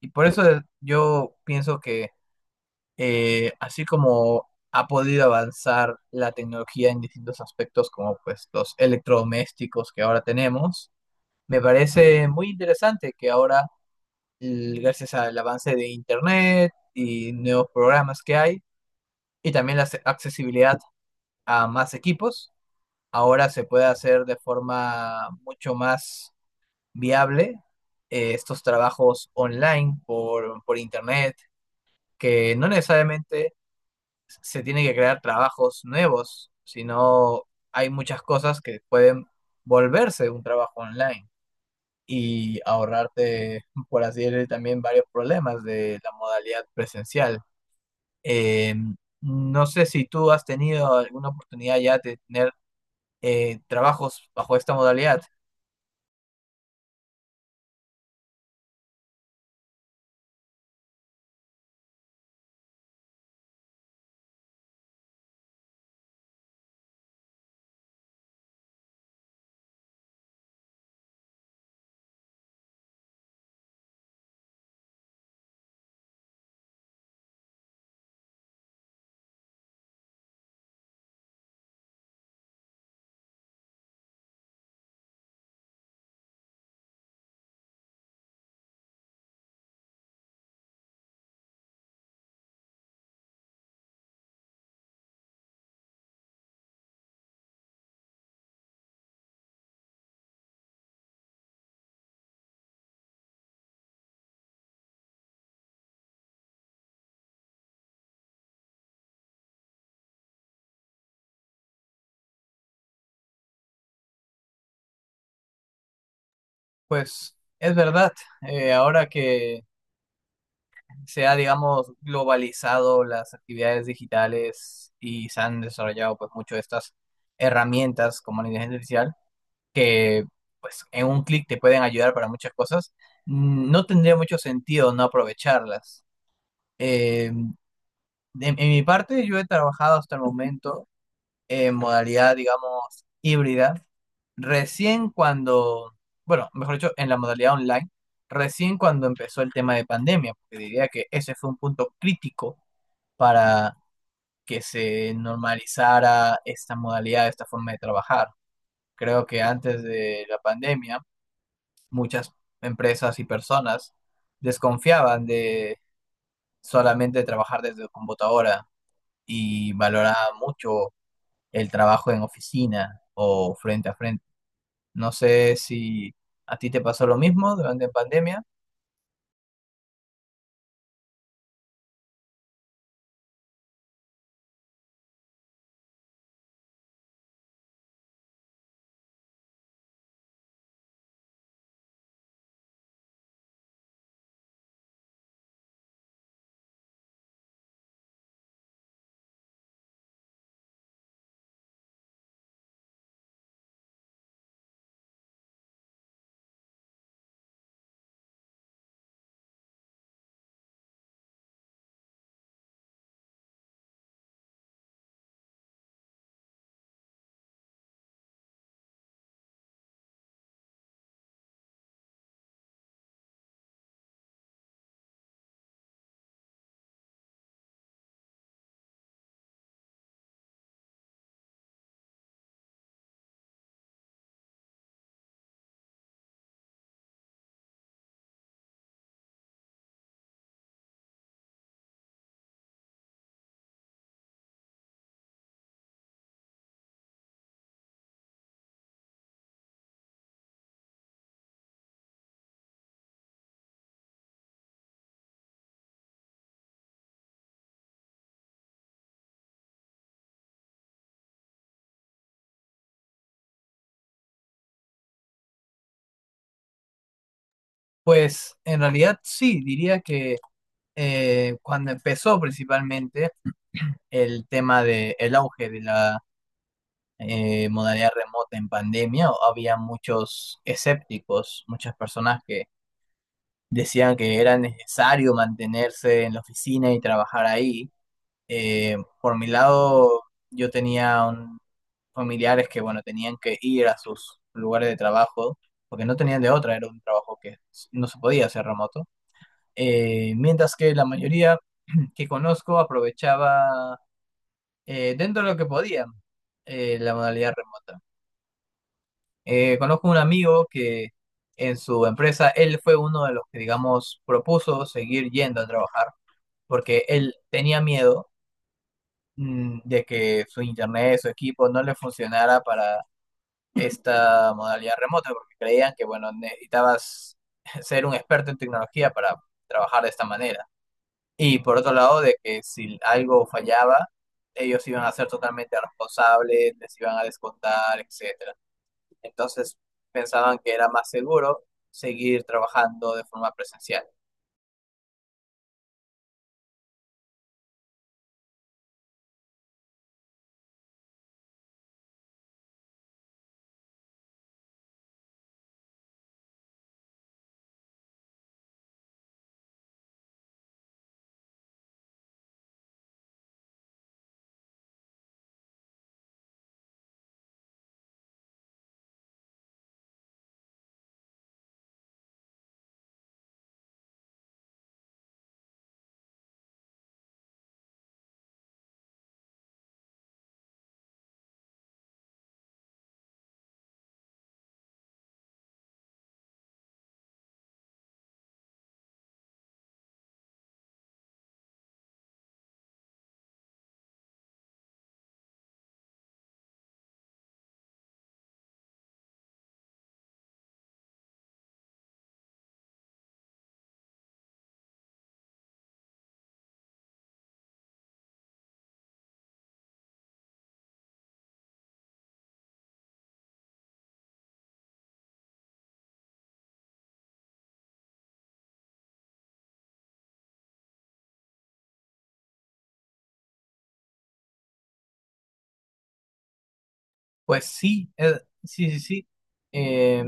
Y por eso yo pienso que así como ha podido avanzar la tecnología en distintos aspectos, como pues los electrodomésticos que ahora tenemos, me parece muy interesante que ahora, gracias al avance de Internet y nuevos programas que hay, y también la accesibilidad a más equipos, ahora se puede hacer de forma mucho más viable estos trabajos online por Internet, que no necesariamente se tiene que crear trabajos nuevos, sino hay muchas cosas que pueden volverse un trabajo online y ahorrarte, por así decirlo, también varios problemas de la modalidad presencial. Eh, no sé si tú has tenido alguna oportunidad ya de tener trabajos bajo esta modalidad. Pues es verdad, ahora que se ha, digamos, globalizado las actividades digitales y se han desarrollado pues mucho estas herramientas como la inteligencia artificial que pues en un clic te pueden ayudar para muchas cosas, no tendría mucho sentido no aprovecharlas. Eh, en mi parte, yo he trabajado hasta el momento en modalidad, digamos, híbrida. Recién cuando, bueno, mejor dicho, en la modalidad online, recién cuando empezó el tema de pandemia, porque diría que ese fue un punto crítico para que se normalizara esta modalidad, esta forma de trabajar. Creo que antes de la pandemia, muchas empresas y personas desconfiaban de solamente trabajar desde computadora y valoraban mucho el trabajo en oficina o frente a frente. No sé si a ti te pasó lo mismo durante la pandemia. Pues en realidad sí, diría que cuando empezó principalmente el tema del auge de la modalidad remota en pandemia, había muchos escépticos, muchas personas que decían que era necesario mantenerse en la oficina y trabajar ahí. Por mi lado, yo tenía familiares que, bueno, tenían que ir a sus lugares de trabajo porque no tenían de otra, era un trabajo que no se podía hacer remoto. Mientras que la mayoría que conozco aprovechaba, dentro de lo que podían, la modalidad remota. Conozco un amigo que en su empresa, él fue uno de los que, digamos, propuso seguir yendo a trabajar, porque él tenía miedo, de que su internet, su equipo no le funcionara para esta modalidad remota, porque creían que, bueno, necesitabas ser un experto en tecnología para trabajar de esta manera. Y por otro lado, de que si algo fallaba, ellos iban a ser totalmente responsables, les iban a descontar, etc. Entonces pensaban que era más seguro seguir trabajando de forma presencial. Pues sí, sí, sí, sí. Eh,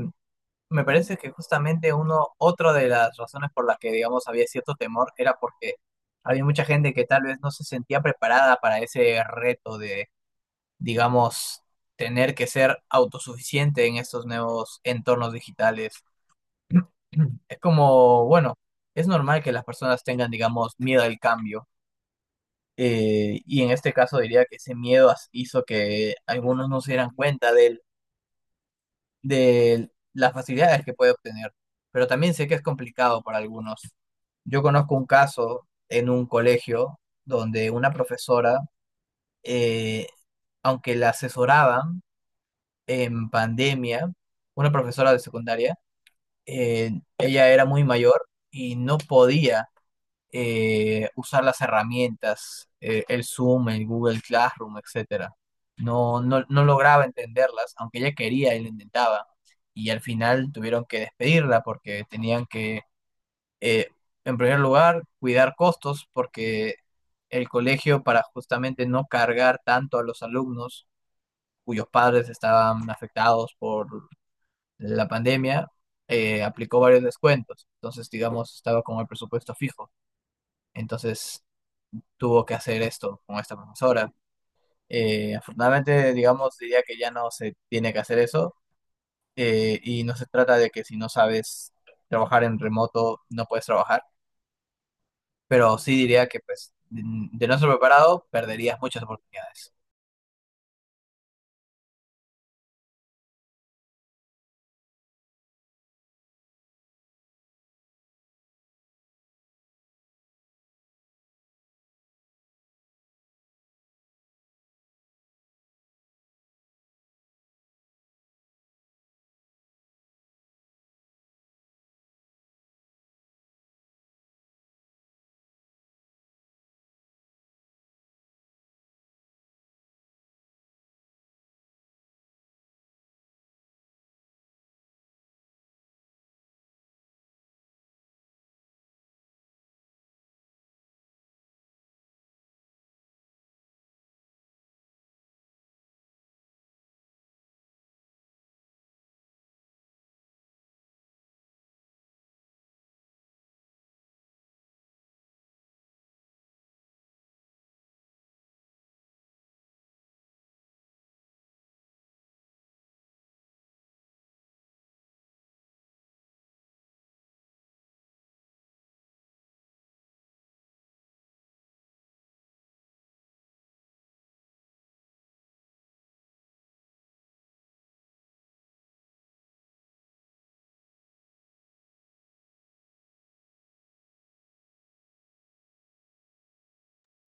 Me parece que justamente otra de las razones por las que, digamos, había cierto temor era porque había mucha gente que tal vez no se sentía preparada para ese reto de, digamos, tener que ser autosuficiente en estos nuevos entornos digitales. Es como, bueno, es normal que las personas tengan, digamos, miedo al cambio. Y en este caso diría que ese miedo hizo que algunos no se dieran cuenta de las facilidades que puede obtener. Pero también sé que es complicado para algunos. Yo conozco un caso en un colegio donde una profesora, eh, aunque la asesoraban en pandemia, una profesora de secundaria, eh, ella era muy mayor y no podía usar las herramientas, el Zoom, el Google Classroom, etcétera. No, no lograba entenderlas, aunque ella quería y lo intentaba. Y al final tuvieron que despedirla porque tenían que, eh, en primer lugar, cuidar costos porque el colegio, para justamente no cargar tanto a los alumnos cuyos padres estaban afectados por la pandemia, aplicó varios descuentos. Entonces, digamos, estaba con el presupuesto fijo. Entonces, tuvo que hacer esto con esta profesora. Afortunadamente, digamos, diría que ya no se tiene que hacer eso, y no se trata de que si no sabes trabajar en remoto no puedes trabajar, pero sí diría que pues de no ser preparado perderías muchas oportunidades.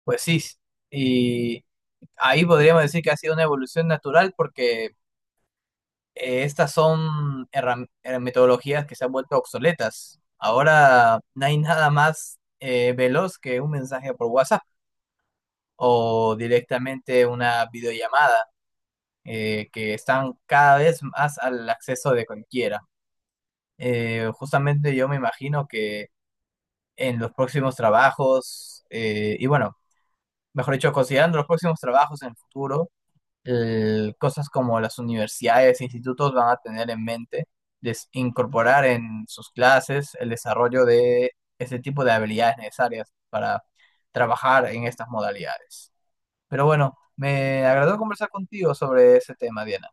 Pues sí, y ahí podríamos decir que ha sido una evolución natural porque estas son metodologías que se han vuelto obsoletas. Ahora no hay nada más veloz que un mensaje por WhatsApp, o directamente una videollamada, que están cada vez más al acceso de cualquiera. Justamente yo me imagino que en los próximos trabajos, y bueno, mejor dicho, considerando los próximos trabajos en el futuro, cosas como las universidades e institutos van a tener en mente incorporar en sus clases el desarrollo de ese tipo de habilidades necesarias para trabajar en estas modalidades. Pero bueno, me agradó conversar contigo sobre ese tema, Diana.